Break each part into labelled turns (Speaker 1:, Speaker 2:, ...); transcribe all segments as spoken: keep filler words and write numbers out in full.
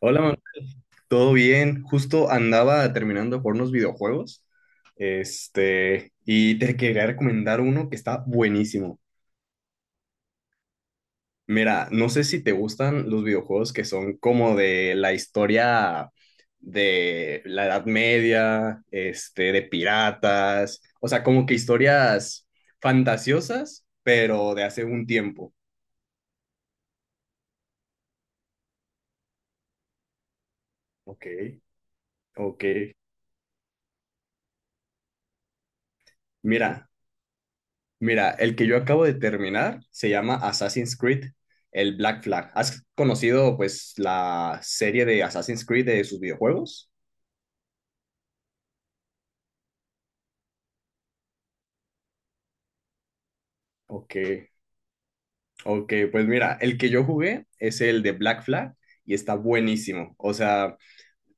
Speaker 1: Hola, Manuel. ¿Todo bien? Justo andaba terminando de jugar unos videojuegos. Este, y te quería recomendar uno que está buenísimo. Mira, no sé si te gustan los videojuegos que son como de la historia de la Edad Media, este, de piratas, o sea, como que historias fantasiosas, pero de hace un tiempo. Ok, ok. Mira, Mira, el que yo acabo de terminar se llama Assassin's Creed, el Black Flag. ¿Has conocido pues la serie de Assassin's Creed de sus videojuegos? Ok, ok, pues mira, el que yo jugué es el de Black Flag y está buenísimo. O sea,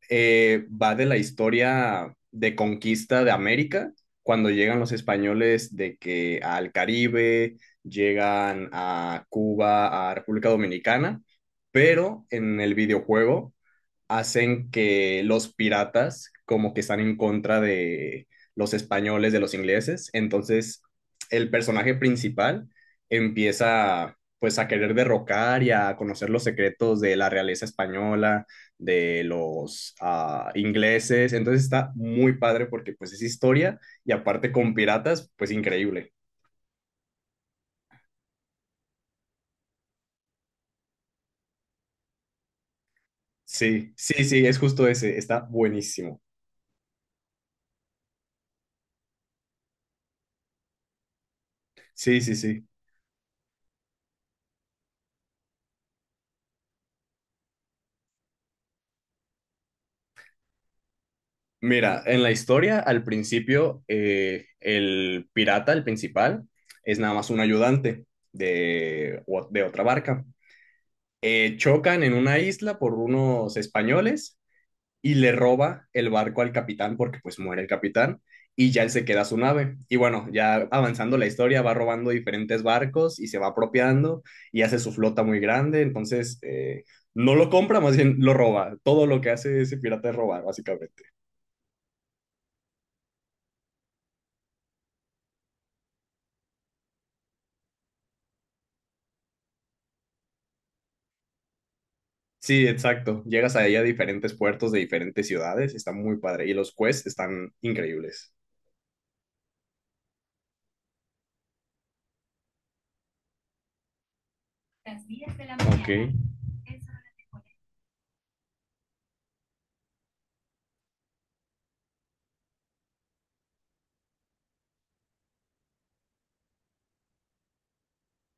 Speaker 1: eh, va de la historia de conquista de América, cuando llegan los españoles de que al Caribe, llegan a Cuba, a República Dominicana, pero en el videojuego hacen que los piratas como que están en contra de los españoles, de los ingleses. Entonces, el personaje principal empieza pues a querer derrocar y a conocer los secretos de la realeza española, de los ah, ingleses. Entonces está muy padre porque pues es historia y aparte con piratas, pues increíble. Sí, sí, sí, es justo ese, está buenísimo. Sí, sí, sí. Mira, en la historia, al principio, eh, el pirata, el principal, es nada más un ayudante de, o- de otra barca. Eh, chocan en una isla por unos españoles y le roba el barco al capitán porque pues muere el capitán y ya él se queda su nave. Y bueno, ya avanzando la historia, va robando diferentes barcos y se va apropiando y hace su flota muy grande. Entonces, eh, no lo compra, más bien lo roba. Todo lo que hace ese pirata es robar, básicamente. Sí, exacto. Llegas ahí a diferentes puertos de diferentes ciudades, está muy padre. Y los quests están increíbles. Ok.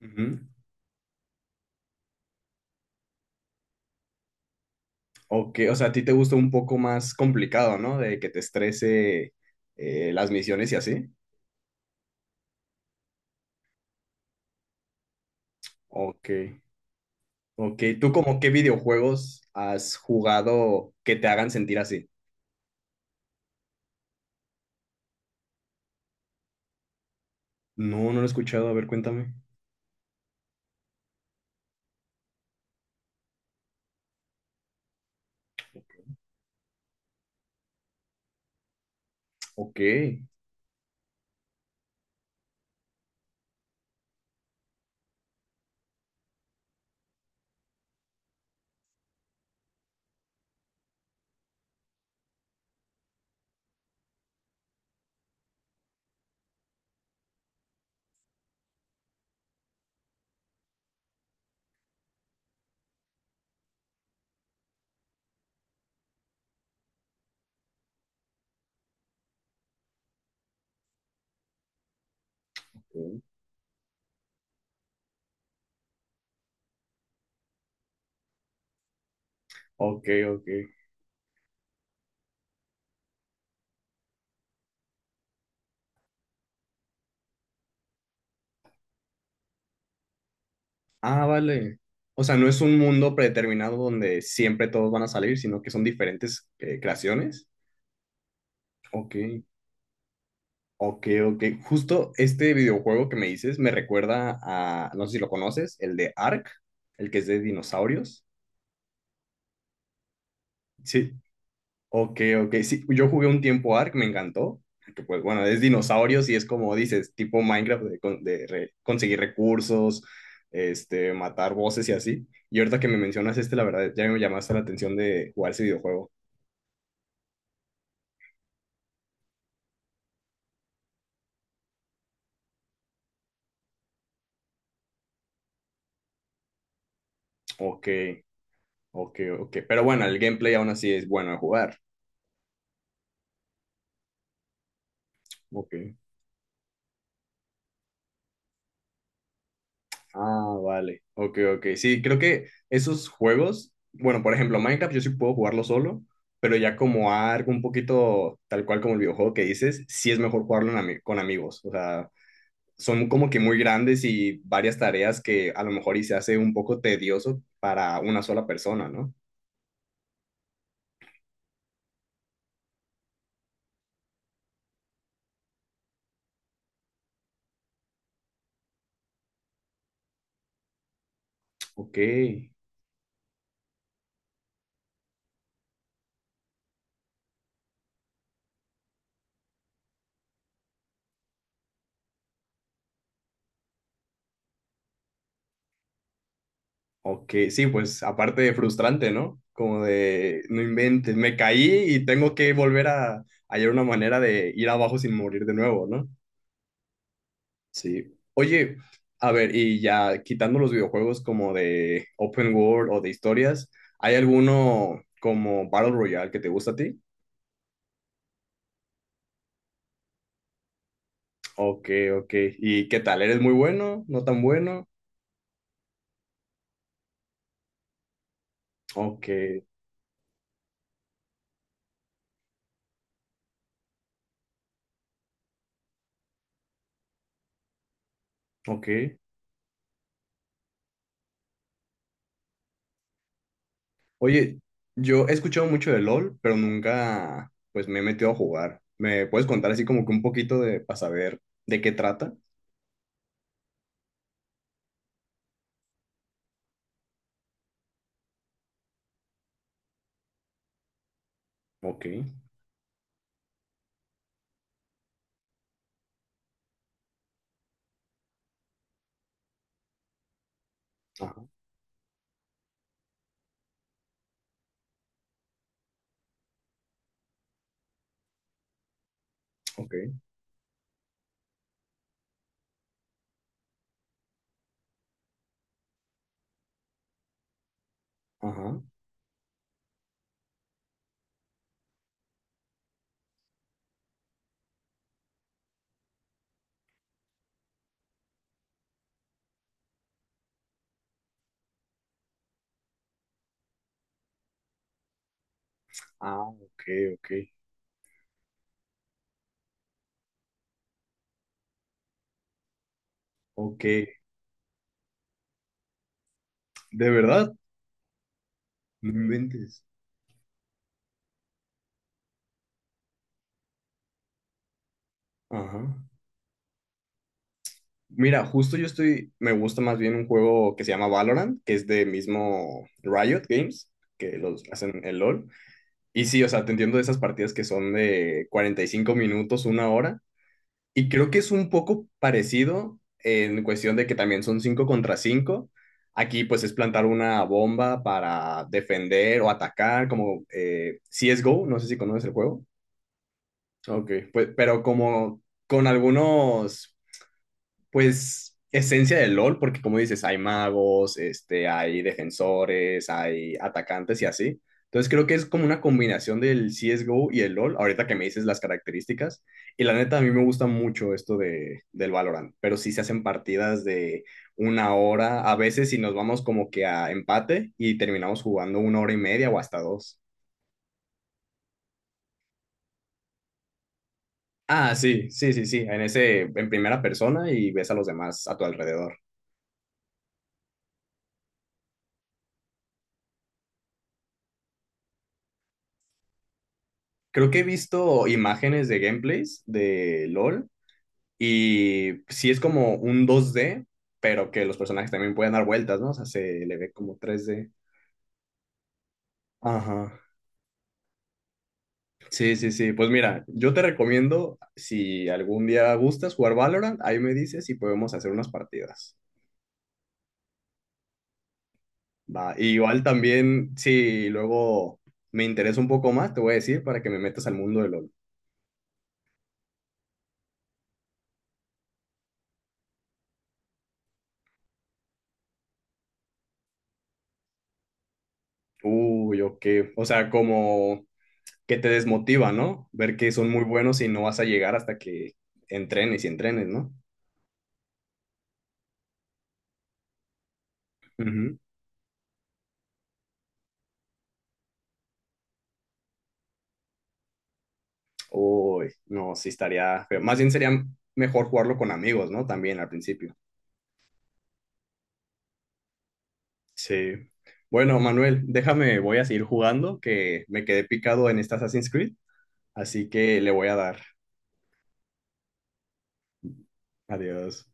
Speaker 1: Ujú. Ok, o sea, a ti te gusta un poco más complicado, ¿no? De que te estrese eh, las misiones y así. Ok. Ok, ¿tú como qué videojuegos has jugado que te hagan sentir así? No, no lo he escuchado, a ver, cuéntame. Ok. Ok, ok. Ok. Ah, vale. O sea, no es un mundo predeterminado donde siempre todos van a salir, sino que son diferentes eh, creaciones. Ok, ok, ok. Justo este videojuego que me dices me recuerda a, no sé si lo conoces, el de Ark, el que es de dinosaurios. Sí, ok, ok. Sí, yo jugué un tiempo Ark, me encantó. Que pues bueno, es dinosaurios y es como dices, tipo Minecraft de, con- de re- conseguir recursos, este, matar voces y así. Y ahorita que me mencionas este, la verdad, ya me llamaste la atención de jugar ese videojuego. Ok, ok, ok. Pero bueno, el gameplay aún así es bueno de jugar. Ok. Ah, vale. Ok, ok. Sí, creo que esos juegos, bueno, por ejemplo, Minecraft yo sí puedo jugarlo solo, pero ya como algo un poquito tal cual como el videojuego que dices, sí es mejor jugarlo en ami- con amigos. O sea, son como que muy grandes y varias tareas que a lo mejor y se hace un poco tedioso para una sola persona, ¿no? Ok, ok. Sí, pues aparte de frustrante, ¿no? Como de, no inventes, me caí y tengo que volver a hallar una manera de ir abajo sin morir de nuevo, ¿no? Sí. Oye, a ver, y ya quitando los videojuegos como de open world o de historias, ¿hay alguno como Battle Royale que te gusta a ti? Ok, ok. ¿Y qué tal? ¿Eres muy bueno? ¿No tan bueno? Ok, ok. Oye, yo he escuchado mucho de LOL, pero nunca pues me he metido a jugar. ¿Me puedes contar así como que un poquito de para saber de qué trata? Ok, ajá, ok, ajá. Ah, ok, ok, ok. ¿De verdad? No inventes. Ajá. Mira, justo yo estoy, me gusta más bien un juego que se llama Valorant, que es de mismo Riot Games, que los hacen el LOL. Y sí, o sea, te entiendo de esas partidas que son de cuarenta y cinco minutos, una hora. Y creo que es un poco parecido en cuestión de que también son cinco contra cinco. Aquí pues es plantar una bomba para defender o atacar, como eh, C S G O, no sé si conoces el juego. Ok, pues, pero como con algunos pues, esencia del LOL, porque como dices, hay magos, este, hay defensores, hay atacantes y así. Entonces creo que es como una combinación del C S G O y el LOL, ahorita que me dices las características. Y la neta, a mí me gusta mucho esto de, del Valorant, pero sí se hacen partidas de una hora, a veces si nos vamos como que a empate y terminamos jugando una hora y media o hasta dos. Ah, sí, sí, sí, sí, en ese, en primera persona y ves a los demás a tu alrededor. Creo que he visto imágenes de gameplays de LOL y sí es como un dos d, pero que los personajes también pueden dar vueltas, ¿no? O sea, se le ve como tres d. Ajá. Sí, sí, sí. Pues mira, yo te recomiendo, si algún día gustas jugar Valorant, ahí me dices y podemos hacer unas partidas. Va. Y igual también, si luego me interesa un poco más, te voy a decir para que me metas al mundo de LOL. Uy, ok. O sea, como que te desmotiva, ¿no? Ver que son muy buenos y no vas a llegar hasta que entrenes y entrenes, ¿no? Ujú. Uy, no, sí estaría feo. Más bien sería mejor jugarlo con amigos, ¿no? También al principio. Sí. Bueno, Manuel, déjame, voy a seguir jugando, que me quedé picado en esta Assassin's Creed, así que le voy a dar. Adiós.